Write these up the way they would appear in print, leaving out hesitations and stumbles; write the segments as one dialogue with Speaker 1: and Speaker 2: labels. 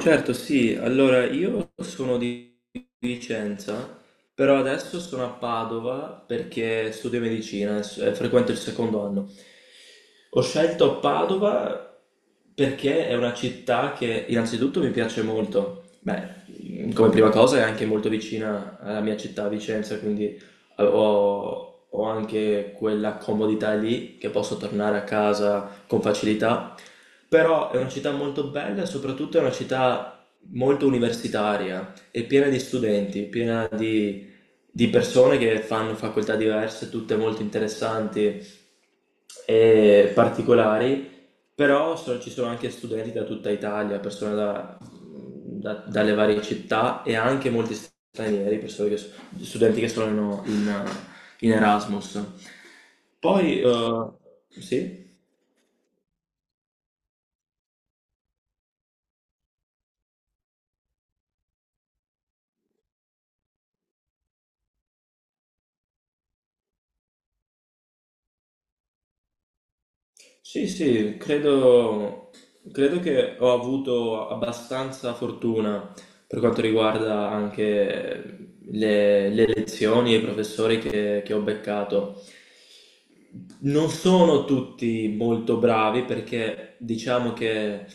Speaker 1: Certo, sì. Allora, io sono di Vicenza, però adesso sono a Padova perché studio medicina e e frequento il secondo anno. Ho scelto Padova perché è una città che innanzitutto mi piace molto. Beh, come prima cosa è anche molto vicina alla mia città, Vicenza, quindi ho anche quella comodità lì che posso tornare a casa con facilità. Però è una città molto bella e soprattutto è una città molto universitaria, è piena di studenti, piena di persone che fanno facoltà diverse, tutte molto interessanti e particolari, però ci sono anche studenti da tutta Italia, persone dalle varie città e anche molti stranieri, studenti che sono in Erasmus. Poi, sì? Sì, sì, credo che ho avuto abbastanza fortuna per quanto riguarda anche le lezioni e i professori che ho beccato. Non sono tutti molto bravi perché diciamo che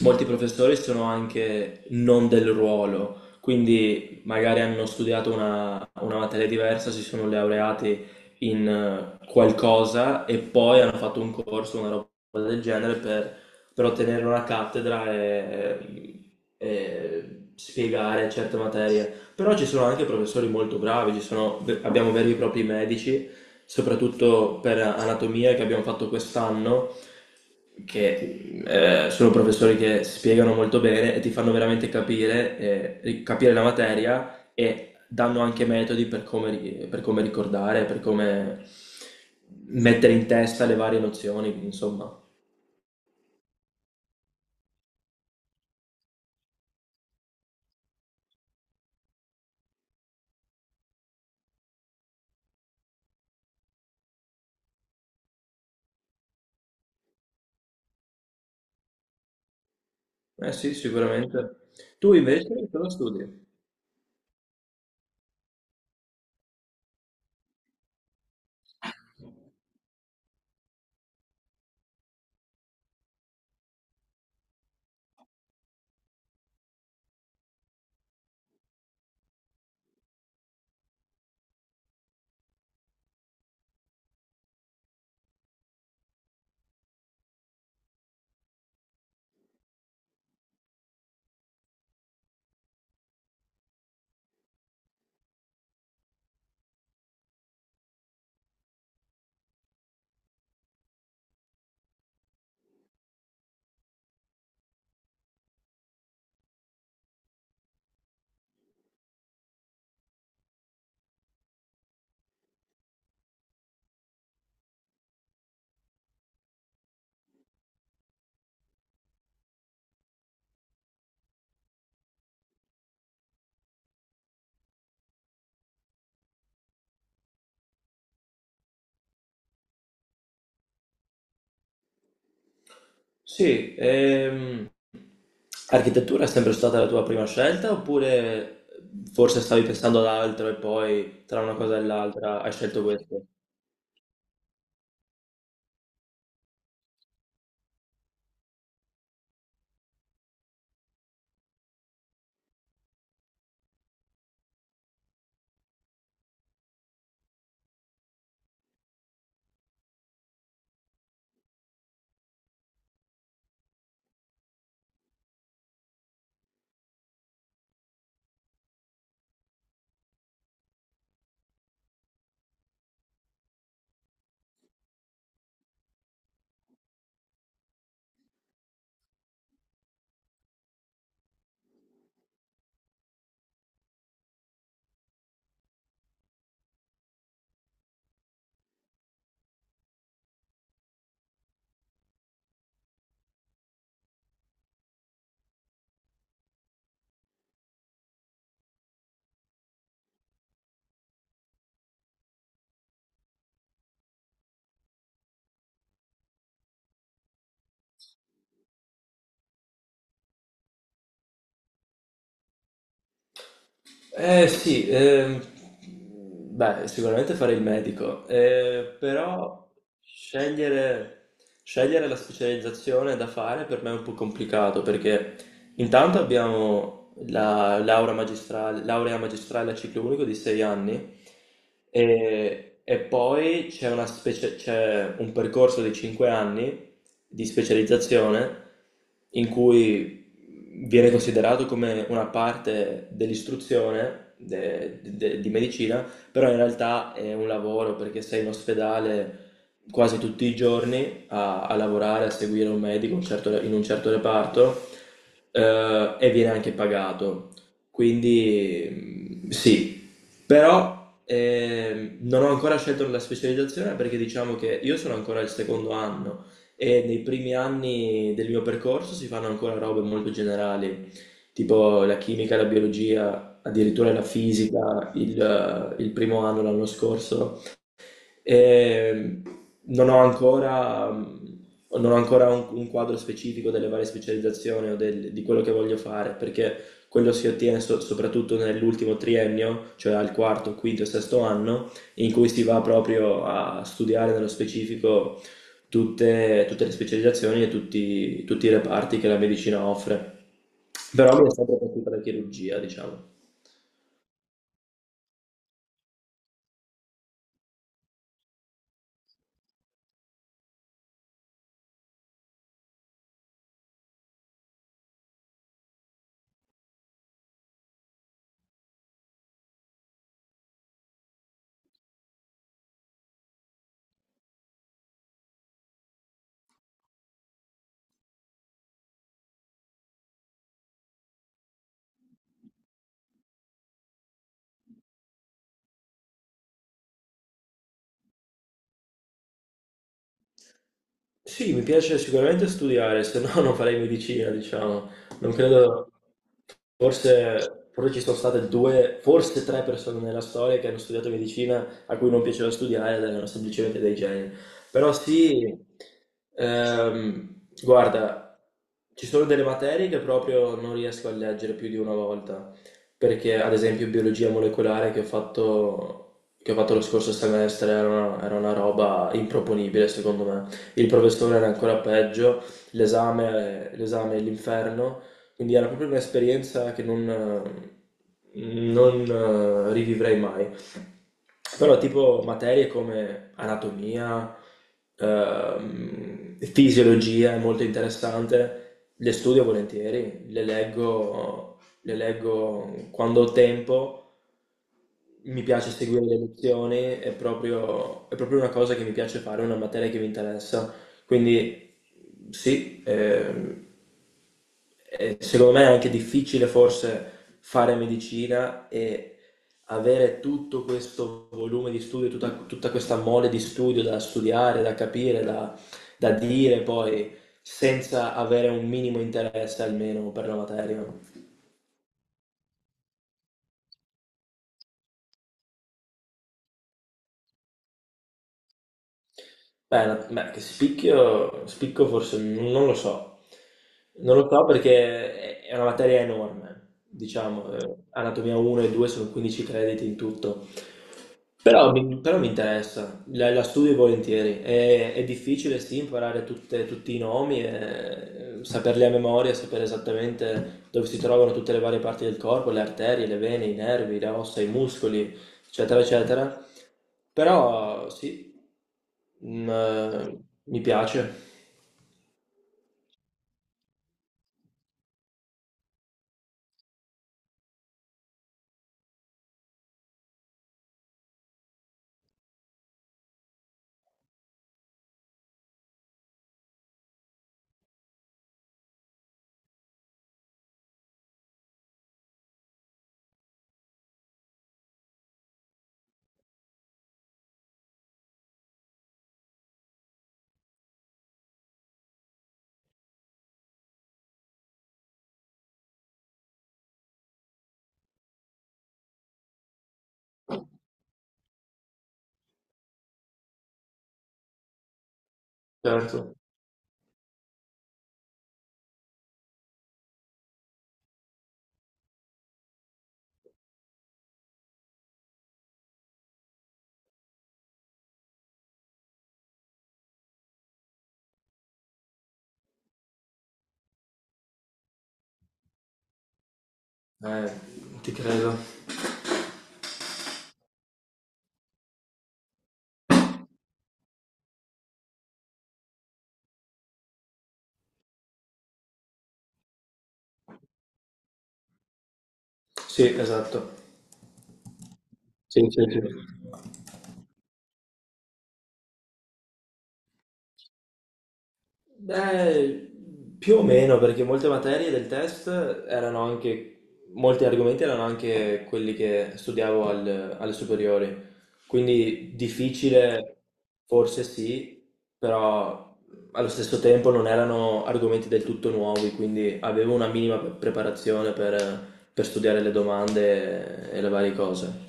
Speaker 1: molti professori sono anche non del ruolo, quindi magari hanno studiato una materia diversa, si sono laureati in qualcosa e poi hanno fatto un corso, una roba del genere per ottenere una cattedra e spiegare certe materie. Però ci sono anche professori molto bravi, abbiamo veri e propri medici, soprattutto per anatomia che abbiamo fatto quest'anno che sono professori che spiegano molto bene e ti fanno veramente capire, capire la materia e danno anche metodi per per come ricordare, per come mettere in testa le varie nozioni, quindi, insomma. Eh sì, sicuramente. Tu invece cosa studi? Sì, architettura è sempre stata la tua prima scelta oppure forse stavi pensando ad altro e poi tra una cosa e l'altra hai scelto questo? Eh sì, beh, sicuramente fare il medico, però scegliere, scegliere la specializzazione da fare per me è un po' complicato perché intanto abbiamo la laurea magistrale a ciclo unico di 6 anni e poi c'è c'è un percorso di 5 anni di specializzazione in cui quindi viene considerato come una parte dell'istruzione di medicina, però in realtà è un lavoro perché sei in ospedale quasi tutti i giorni a lavorare, a seguire un medico in un certo reparto e viene anche pagato. Quindi sì, però non ho ancora scelto la specializzazione perché diciamo che io sono ancora al secondo anno e nei primi anni del mio percorso si fanno ancora robe molto generali, tipo la chimica, la biologia, addirittura la fisica, il primo anno l'anno scorso. Ehm, Non ho ancora, non ho ancora un quadro specifico delle varie specializzazioni o di quello che voglio fare, perché quello si ottiene soprattutto nell'ultimo triennio, cioè al quarto, quinto e sesto anno, in cui si va proprio a studiare nello specifico tutte le specializzazioni e tutti i reparti che la medicina offre. Però mi è sempre piaciuta la chirurgia, diciamo. Sì, mi piace sicuramente studiare, se no non farei medicina, diciamo. Non credo, forse ci sono state due, forse tre persone nella storia che hanno studiato medicina a cui non piaceva studiare ed erano semplicemente dei geni. Però sì, ehm, guarda, ci sono delle materie che proprio non riesco a leggere più di una volta, perché ad esempio biologia molecolare che ho fatto lo scorso semestre era una roba improponibile secondo me. Il professore era ancora peggio, l'esame è l'inferno, quindi era proprio un'esperienza che non rivivrei mai. Però tipo materie come anatomia, fisiologia è molto interessante, le studio volentieri, le leggo quando ho tempo, mi piace seguire le lezioni, è proprio una cosa che mi piace fare, una materia che mi interessa. Quindi sì, secondo me è anche difficile forse fare medicina e avere tutto questo volume di studio, tutta questa mole di studio da studiare, da capire, da dire poi, senza avere un minimo interesse almeno per la materia. Beh, beh, che spicchio, spicco forse non lo so, non lo so perché è una materia enorme, diciamo, Anatomia 1 e 2 sono 15 crediti in tutto, però mi interessa, la studio volentieri, è difficile sì imparare tutti i nomi, e, saperli a memoria, sapere esattamente dove si trovano tutte le varie parti del corpo, le arterie, le vene, i nervi, le ossa, i muscoli, eccetera, eccetera, però sì. Mhmm, mi piace, certo. Eh, ti credo. Sì, esatto. Sì, sì, sì. Beh, più o meno, perché molte materie del test erano anche, molti argomenti erano anche quelli che studiavo alle superiori, quindi difficile forse sì, però allo stesso tempo non erano argomenti del tutto nuovi, quindi avevo una minima preparazione per studiare le domande e le varie cose.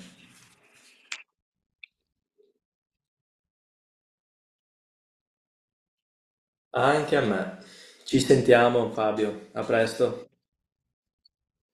Speaker 1: Anche a me. Ci sentiamo, Fabio. A presto.